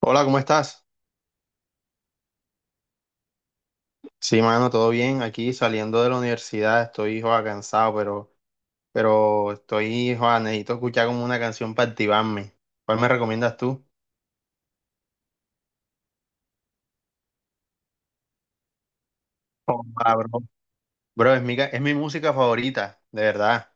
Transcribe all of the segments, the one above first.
Hola, ¿cómo estás? Sí, mano, todo bien. Aquí saliendo de la universidad estoy, joda, cansado, pero estoy, joda, necesito escuchar como una canción para activarme. ¿Cuál me recomiendas tú? Joda, bro. Bro, es mi música favorita, de verdad.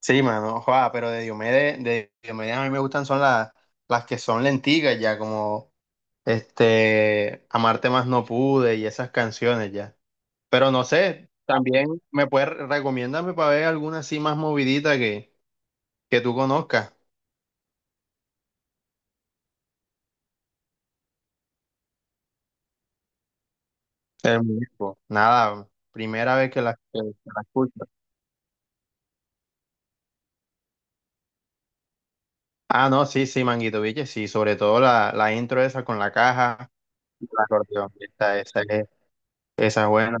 Sí, mano, joda, pero de Diomedes a mí me gustan son las que son lenticas ya, como, Amarte más no pude y esas canciones ya. Pero no sé, también me puedes, recomiéndame para ver alguna así más movidita que tú conozcas. El muñeco. Nada, primera vez que la escucho. Ah, no, sí, sí, Manguito Viche, sí, sobre todo la intro esa con la caja, y la acordeón, esa es buena.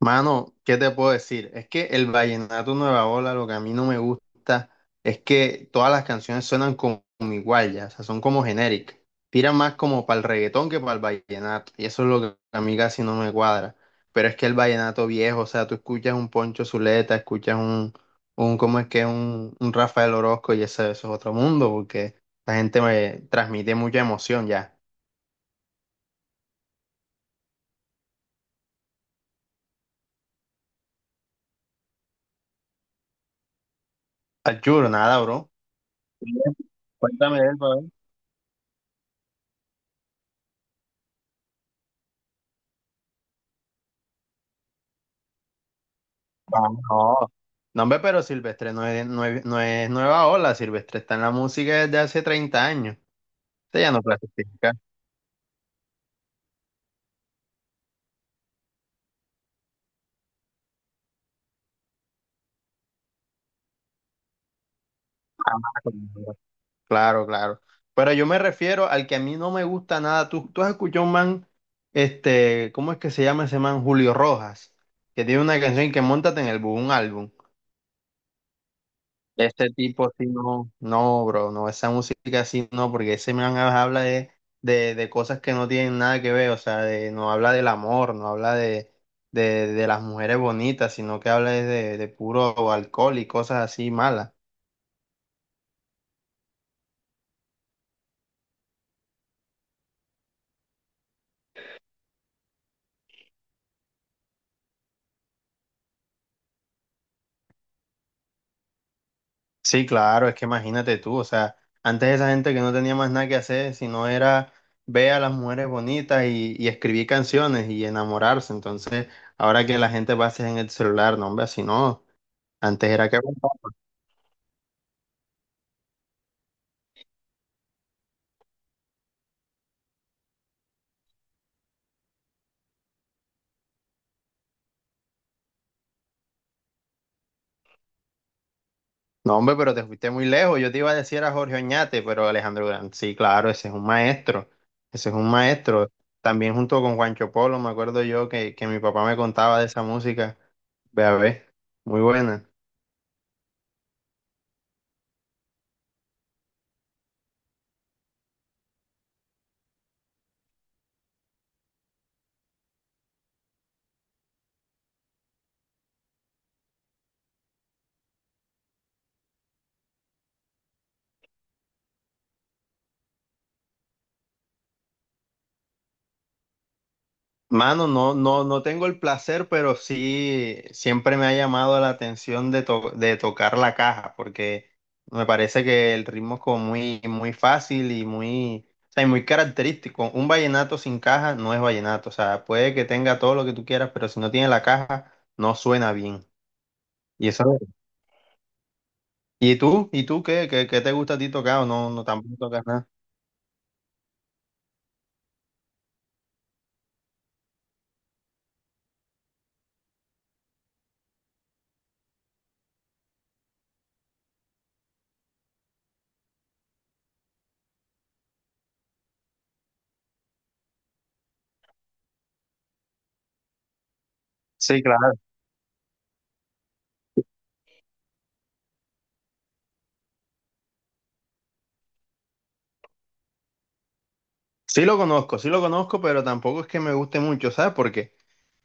Mano, ¿qué te puedo decir? Es que el vallenato Nueva Ola, lo que a mí no me gusta es que todas las canciones suenan como igual ya, o sea, son como genéricas. Tiran más como para el reggaetón que para el vallenato, y eso es lo que a mí casi no me cuadra. Pero es que el vallenato viejo, o sea, tú escuchas un Poncho Zuleta, escuchas un ¿cómo es que? Un Rafael Orozco, y eso es otro mundo, porque la gente me transmite mucha emoción ya. Al churro, nada, bro. Cuéntame de él. Ah, no. No, hombre, pero Silvestre no es nueva ola. Silvestre está en la música desde hace 30 años. Usted ya no clasifica. Claro, claro. Pero yo me refiero al que a mí no me gusta nada. Tú has escuchado un man, ¿cómo es que se llama ese man? Julio Rojas, que tiene una canción que Móntate en el Bus, un álbum. Este tipo sí no, no, bro, no, esa música sí no, porque ese man habla de cosas que no tienen nada que ver, o sea, de, no habla del amor, no habla de las mujeres bonitas, sino que habla es de puro alcohol y cosas así malas. Sí, claro, es que imagínate tú, o sea, antes esa gente que no tenía más nada que hacer, sino era ver a las mujeres bonitas y escribir canciones y enamorarse, entonces ahora que la gente va a hacer en el celular, no, hombre, así no, antes era que... No, hombre, pero te fuiste muy lejos. Yo te iba a decir a Jorge Oñate, pero Alejandro Grant, sí, claro, ese es un maestro. Ese es un maestro. También junto con Juancho Polo, me acuerdo yo que mi papá me contaba de esa música. Ve a ver, muy buena. Mano, no, no, no tengo el placer, pero sí siempre me ha llamado la atención de tocar la caja, porque me parece que el ritmo es como muy, muy fácil y muy, o sea, y muy característico. Un vallenato sin caja no es vallenato, o sea, puede que tenga todo lo que tú quieras, pero si no tiene la caja, no suena bien. Y eso, ¿y tú? ¿Y tú qué? ¿Qué te gusta a ti tocar o no, no tampoco tocas nada? Sí, claro. Sí lo conozco, pero tampoco es que me guste mucho, ¿sabes por qué?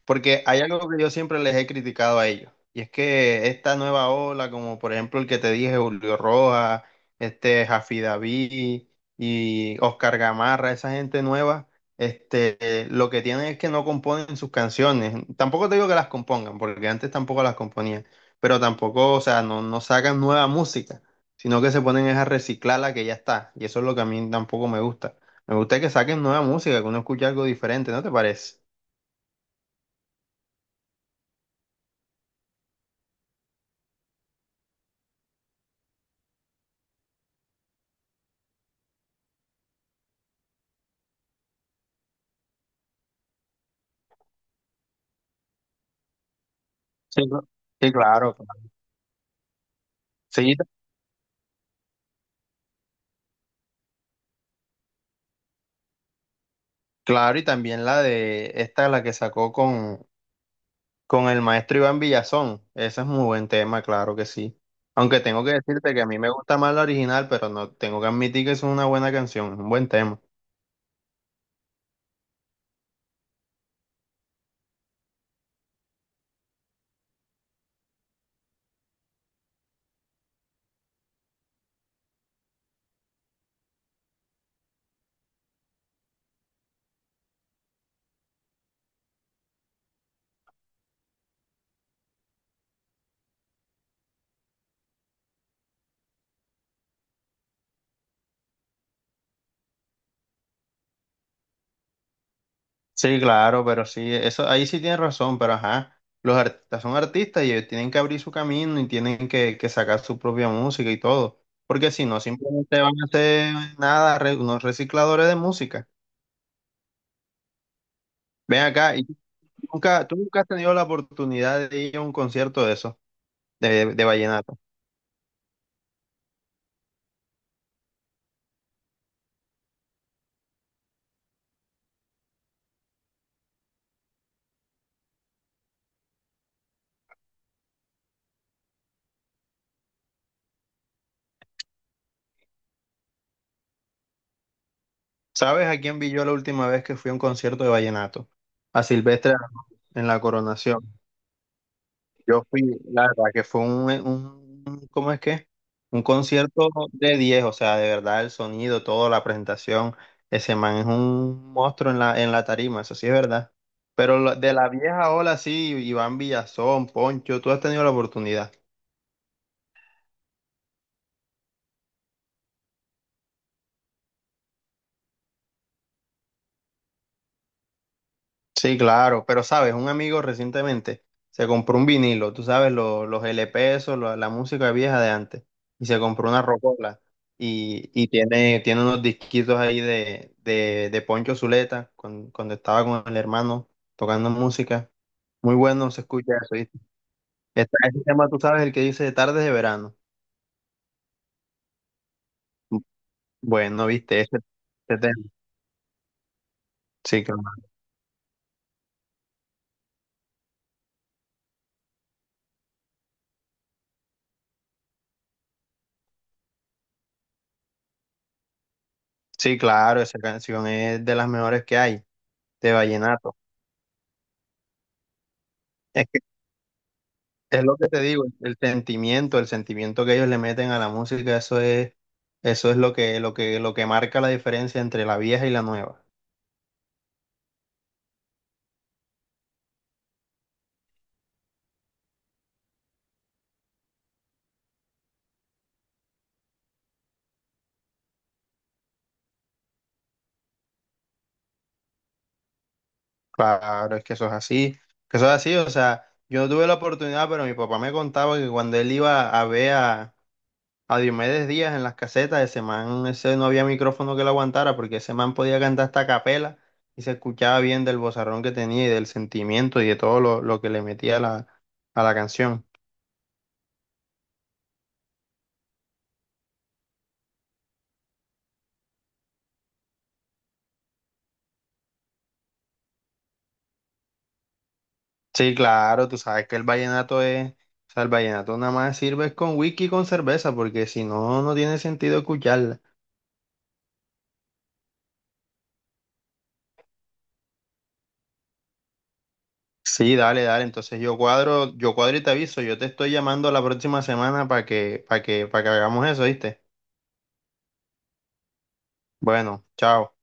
Porque hay algo que yo siempre les he criticado a ellos, y es que esta nueva ola, como por ejemplo el que te dije, Julio Rojas, este Jafi David y Oscar Gamarra, esa gente nueva, lo que tienen es que no componen sus canciones. Tampoco te digo que las compongan, porque antes tampoco las componían, pero tampoco, o sea, no sacan nueva música, sino que se ponen es a reciclar la que ya está, y eso es lo que a mí tampoco me gusta. Me gusta que saquen nueva música, que uno escuche algo diferente, ¿no te parece? Sí, cl- sí, claro. Claro. Sí, claro, y también la de esta, la que sacó con el maestro Iván Villazón. Ese es muy buen tema, claro que sí. Aunque tengo que decirte que a mí me gusta más la original, pero no tengo que admitir que es una buena canción, es un buen tema. Sí, claro, pero sí, eso ahí sí tienes razón, pero ajá, los artistas son artistas y ellos tienen que abrir su camino y tienen que sacar su propia música y todo, porque si no, simplemente van a ser nada, unos recicladores de música. Ven acá. Nunca, Tú nunca has tenido la oportunidad de ir a un concierto de eso, de vallenato. ¿Sabes a quién vi yo la última vez que fui a un concierto de vallenato? A Silvestre en la Coronación. Yo fui, la verdad, que fue ¿cómo es que? Un concierto de 10, o sea, de verdad, el sonido, todo, la presentación. Ese man es un monstruo en la, tarima, eso sí es verdad. Pero de la vieja ola, sí, Iván Villazón, Poncho, tú has tenido la oportunidad. Sí, claro, pero sabes, un amigo recientemente se compró un vinilo, tú sabes, los LP, eso, la música vieja de antes, y se compró una rocola y tiene unos disquitos ahí de Poncho Zuleta cuando estaba con el hermano tocando música. Muy bueno se escucha eso, ¿viste? Está ese tema, tú sabes, el que dice Tardes de verano. Bueno, ¿viste? Ese tema. Sí, claro. Sí, claro, esa canción es de las mejores que hay, de vallenato. Es lo que te digo, el sentimiento que ellos le meten a la música, eso es lo que, marca la diferencia entre la vieja y la nueva. Claro, es que eso es así, que eso es así, o sea, yo no tuve la oportunidad, pero mi papá me contaba que cuando él iba a ver a Diomedes Díaz en las casetas, ese man, ese no había micrófono que lo aguantara, porque ese man podía cantar hasta a capela y se escuchaba bien del vozarrón que tenía y del sentimiento y de todo lo que le metía a la, canción. Sí, claro, tú sabes que el vallenato es, o sea, el vallenato nada más sirve es con whisky y con cerveza, porque si no, no tiene sentido escucharla. Sí, dale, dale, entonces yo cuadro y te aviso, yo te estoy llamando la próxima semana para que, para que hagamos eso, ¿viste? Bueno, chao.